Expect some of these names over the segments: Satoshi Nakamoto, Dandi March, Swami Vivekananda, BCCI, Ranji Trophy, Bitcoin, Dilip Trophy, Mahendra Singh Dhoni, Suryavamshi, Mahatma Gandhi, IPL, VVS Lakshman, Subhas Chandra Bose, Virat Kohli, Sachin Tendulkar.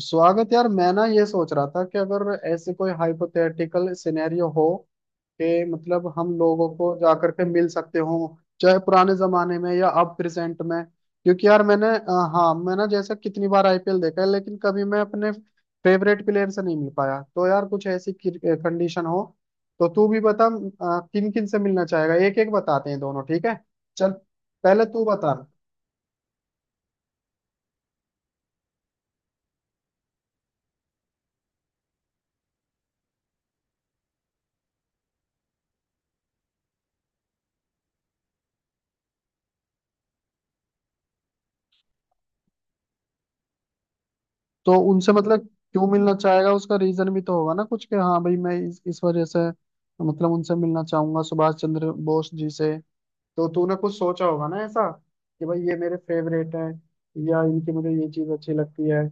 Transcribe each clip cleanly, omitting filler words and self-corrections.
स्वागत यार। मैं ना ये सोच रहा था कि अगर ऐसे कोई हाइपोथेटिकल सिनेरियो हो कि मतलब हम लोगों को जाकर के मिल सकते हो, चाहे पुराने जमाने में या अब प्रेजेंट में। क्योंकि यार मैंने हाँ, मैं ना जैसा कितनी बार आईपीएल देखा है, लेकिन कभी मैं अपने फेवरेट प्लेयर से नहीं मिल पाया। तो यार कुछ ऐसी कंडीशन हो तो तू भी बता किन किन से मिलना चाहेगा। एक एक बताते हैं दोनों, ठीक है? चल, पहले तू बता। तो उनसे मतलब क्यों मिलना चाहेगा, उसका रीजन भी तो होगा ना कुछ, कि हाँ भाई मैं इस वजह से मतलब उनसे मिलना चाहूंगा सुभाष चंद्र बोस जी से। तो तूने कुछ सोचा होगा ना ऐसा कि भाई ये मेरे फेवरेट है या इनकी मुझे ये चीज अच्छी लगती है।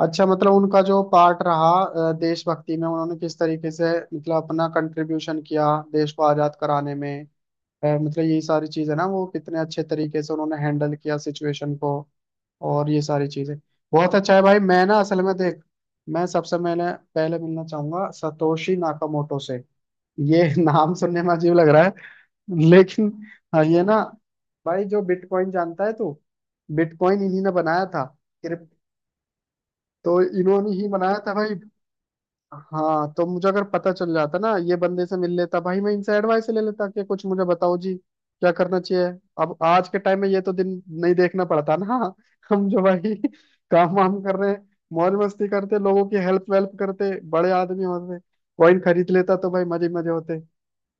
अच्छा, मतलब उनका जो पार्ट रहा देशभक्ति में, उन्होंने किस तरीके से मतलब अपना कंट्रीब्यूशन किया देश को आजाद कराने में। मतलब यही सारी चीज है ना, वो कितने अच्छे तरीके से उन्होंने हैंडल किया सिचुएशन को और ये सारी चीजें। बहुत अच्छा है भाई। मैं ना असल में देख, मैं सबसे मैंने पहले मिलना चाहूंगा सतोशी नाकामोटो से। ये नाम सुनने में अजीब लग रहा है लेकिन, हाँ, ये ना भाई, जो बिटकॉइन जानता है तू, बिटकॉइन इन्हीं ने बनाया था। क्रिप- तो इन्होंने ही बनाया था भाई। हाँ तो मुझे अगर पता चल जाता ना, ये बंदे से मिल लेता भाई, मैं इनसे एडवाइस ले लेता कि कुछ मुझे बताओ जी क्या करना चाहिए। अब आज के टाइम में ये तो दिन नहीं देखना पड़ता ना। हम जो भाई काम वाम कर रहे हैं, मौज मस्ती करते, लोगों की हेल्प वेल्प करते, बड़े आदमी होते, कॉइन खरीद लेता तो भाई मजे मजे होते।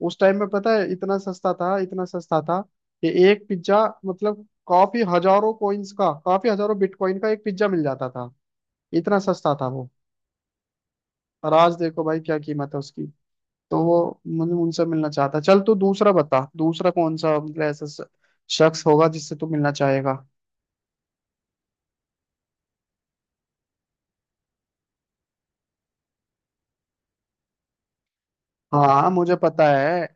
उस टाइम में पता है इतना सस्ता था, इतना सस्ता था कि एक पिज्जा मतलब काफी हजारों कॉइन्स का, काफी हजारों बिटकॉइन का एक पिज्जा मिल जाता था। इतना सस्ता था वो। और आज देखो भाई क्या कीमत है उसकी। तो वो मतलब उनसे मिलना चाहता। चल तू दूसरा बता, दूसरा कौन सा मतलब ऐसा शख्स होगा जिससे तू मिलना चाहेगा। हाँ मुझे पता है।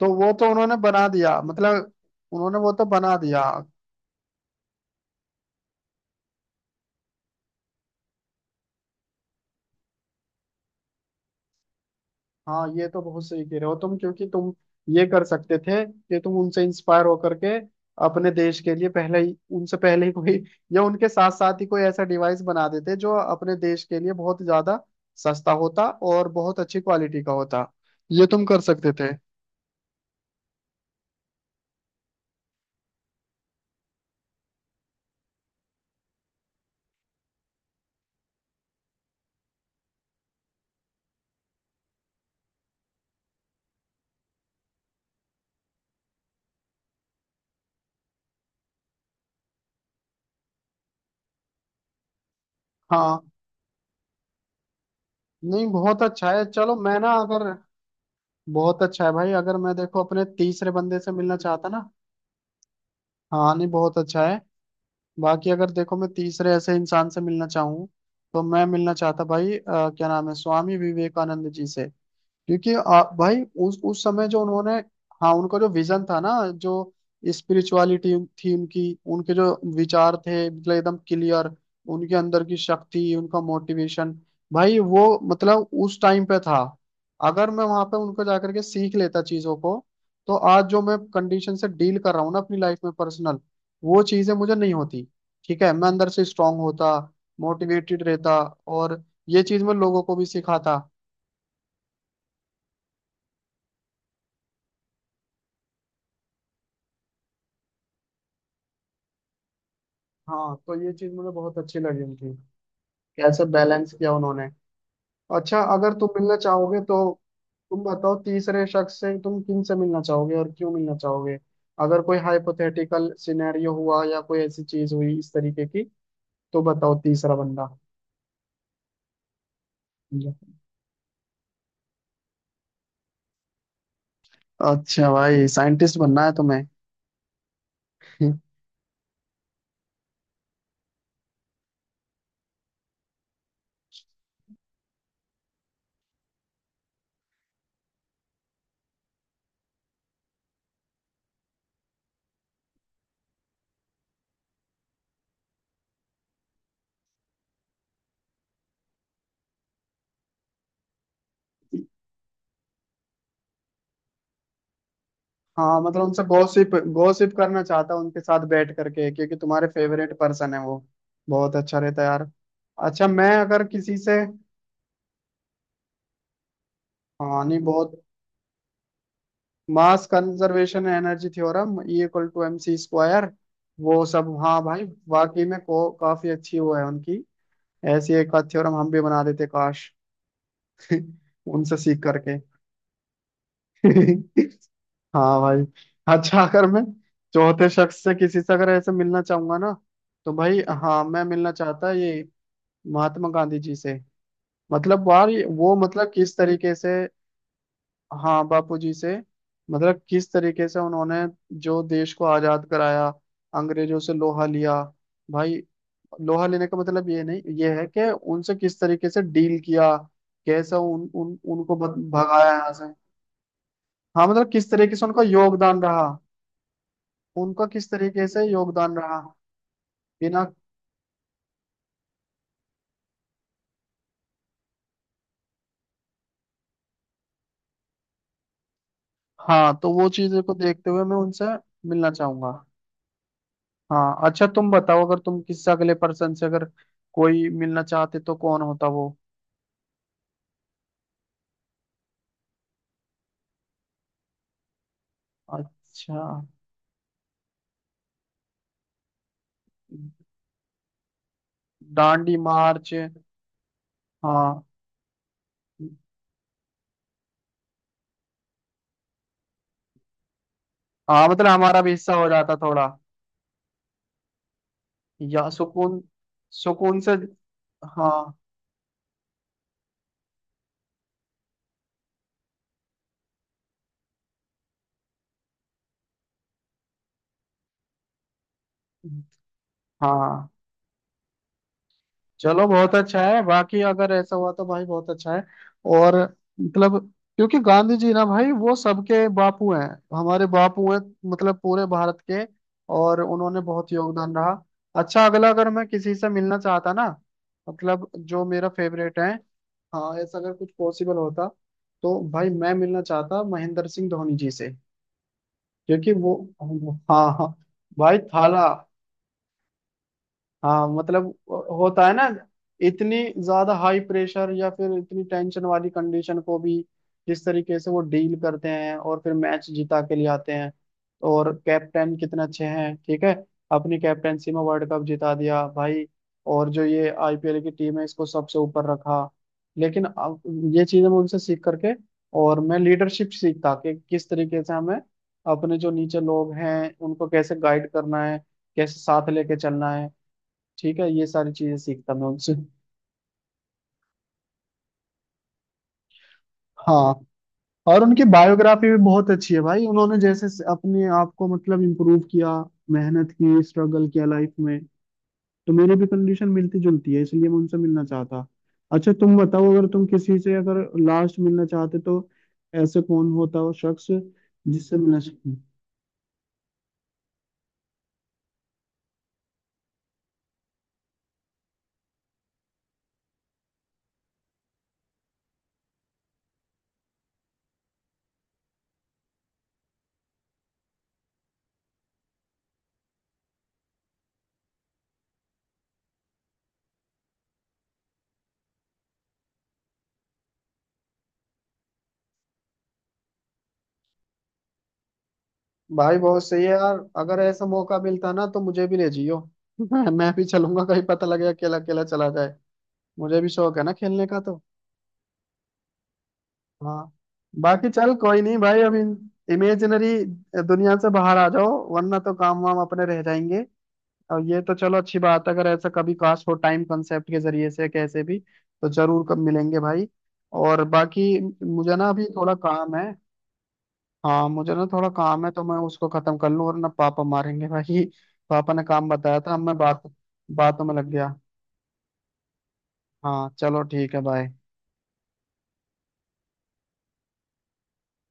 तो वो तो उन्होंने बना दिया मतलब, उन्होंने वो तो बना दिया। हाँ, ये तो बहुत सही कह रहे हो तुम, क्योंकि तुम ये कर सकते थे कि तुम उनसे इंस्पायर होकर के अपने देश के लिए पहले ही, उनसे पहले ही कोई या उनके साथ साथ ही कोई ऐसा डिवाइस बना देते जो अपने देश के लिए बहुत ज्यादा सस्ता होता और बहुत अच्छी क्वालिटी का होता। ये तुम कर सकते थे। हाँ, नहीं, बहुत अच्छा है। चलो, मैं ना अगर, बहुत अच्छा है भाई, अगर मैं देखो अपने तीसरे बंदे से मिलना चाहता ना, हाँ नहीं बहुत अच्छा है। बाकी अगर देखो मैं तीसरे ऐसे इंसान से मिलना चाहूँ, तो मैं मिलना चाहता भाई, क्या नाम है, स्वामी विवेकानंद जी से। क्योंकि भाई उस समय जो उन्होंने, हाँ उनका जो विजन था ना, जो स्पिरिचुअलिटी थी उनकी, उनके जो विचार थे मतलब एकदम क्लियर, उनके अंदर की शक्ति, उनका मोटिवेशन, भाई वो मतलब उस टाइम पे था। अगर मैं वहां पे उनको जाकर के सीख लेता चीजों को, तो आज जो मैं कंडीशन से डील कर रहा हूँ ना अपनी लाइफ में पर्सनल, वो चीजें मुझे नहीं होती। ठीक है, मैं अंदर से स्ट्रांग होता, मोटिवेटेड रहता और ये चीज मैं लोगों को भी सिखाता। हाँ, तो ये चीज मुझे बहुत अच्छी लगी उनकी, कैसे बैलेंस किया उन्होंने। अच्छा, अगर तुम मिलना चाहोगे तो तुम बताओ, तीसरे शख्स से तुम किन से मिलना चाहोगे और क्यों मिलना चाहोगे, अगर कोई हाइपोथेटिकल सिनेरियो हुआ या कोई ऐसी चीज हुई इस तरीके की। तो बताओ तीसरा बंदा। अच्छा भाई, साइंटिस्ट बनना है तुम्हें। हाँ मतलब उनसे गॉसिप गॉसिप करना चाहता हूँ उनके साथ बैठ करके, क्योंकि तुम्हारे फेवरेट पर्सन है वो। बहुत अच्छा रहता है यार। अच्छा, मैं अगर किसी से, हाँ नहीं बहुत, mass conservation energy theorem, E equal to M C square, वो सब, हाँ भाई वाकई में काफी अच्छी वो है उनकी। ऐसी एक आध थ्योरम हम भी बना देते काश। उनसे सीख करके। हाँ भाई। अच्छा, अगर मैं चौथे शख्स से किसी से अगर ऐसे मिलना चाहूंगा ना, तो भाई हाँ मैं मिलना चाहता ये महात्मा गांधी जी से। मतलब यार वो मतलब किस तरीके से, हाँ बापूजी से। मतलब किस तरीके से उन्होंने जो देश को आजाद कराया, अंग्रेजों से लोहा लिया भाई। लोहा लेने का मतलब ये नहीं, ये है कि उनसे किस तरीके से डील किया, कैसा उन, उन उनको भगाया यहाँ से। हाँ मतलब किस तरीके से उनका योगदान रहा, उनका किस तरीके से योगदान रहा। बिना, हाँ तो वो चीजें को देखते हुए मैं उनसे मिलना चाहूंगा। हाँ अच्छा, तुम बताओ अगर तुम किस अगले पर्सन से अगर कोई मिलना चाहते तो कौन होता वो। अच्छा, डांडी मार्च। हाँ हाँ मतलब हमारा भी हिस्सा हो जाता थोड़ा, या सुकून, सुकून से, हाँ हाँ। चलो बहुत अच्छा है। बाकी अगर ऐसा हुआ तो भाई बहुत अच्छा है। और मतलब क्योंकि गांधी जी ना भाई वो सबके बापू हैं, हमारे बापू हैं, मतलब पूरे भारत के। और उन्होंने बहुत योगदान रहा। अच्छा अगला, अगर मैं किसी से मिलना चाहता ना, मतलब जो मेरा फेवरेट है, हाँ ऐसा अगर कुछ पॉसिबल होता, तो भाई मैं मिलना चाहता महेंद्र सिंह धोनी जी से। क्योंकि वो, हाँ हाँ भाई थाला। हाँ मतलब होता है ना, इतनी ज्यादा हाई प्रेशर या फिर इतनी टेंशन वाली कंडीशन को भी जिस तरीके से वो डील करते हैं और फिर मैच जिता के लिए आते हैं। और कैप्टन कितने अच्छे हैं, ठीक है। अपनी कैप्टनसी में वर्ल्ड कप जिता दिया भाई। और जो ये आईपीएल की टीम है, इसको सबसे ऊपर रखा। लेकिन अब ये चीजें मैं उनसे सीख करके, और मैं लीडरशिप सीखता कि किस तरीके से हमें अपने जो नीचे लोग हैं उनको कैसे गाइड करना है, कैसे साथ लेके चलना है। ठीक है, ये सारी चीजें सीखता मैं उनसे। हाँ, और उनकी बायोग्राफी भी बहुत अच्छी है भाई, उन्होंने जैसे से अपने आप को मतलब इम्प्रूव किया, मेहनत की, स्ट्रगल किया लाइफ में। तो मेरी भी कंडीशन मिलती जुलती है, इसलिए मैं उनसे मिलना चाहता। अच्छा तुम बताओ, अगर तुम किसी से अगर लास्ट मिलना चाहते तो ऐसे कौन होता हो शख्स जिससे मिलना चाहते। भाई बहुत सही है यार। अगर ऐसा मौका मिलता ना, तो मुझे भी ले जियो। मैं भी चलूंगा, कहीं पता लगे अकेला अकेला चला जाए। मुझे भी शौक है ना खेलने का तो। हाँ। बाकी चल कोई नहीं भाई, अभी इमेजिनरी दुनिया से बाहर आ जाओ, वरना तो काम वाम अपने रह जाएंगे। और ये तो चलो अच्छी बात है, अगर ऐसा कभी काश हो टाइम कंसेप्ट के जरिए से कैसे भी, तो जरूर कब मिलेंगे भाई। और बाकी मुझे ना अभी थोड़ा काम है। हाँ मुझे ना थोड़ा काम है तो मैं उसको खत्म कर लूँ, वरना पापा मारेंगे भाई। पापा ने काम बताया था, अब मैं बात बातों में लग गया। हाँ चलो ठीक है, बाय।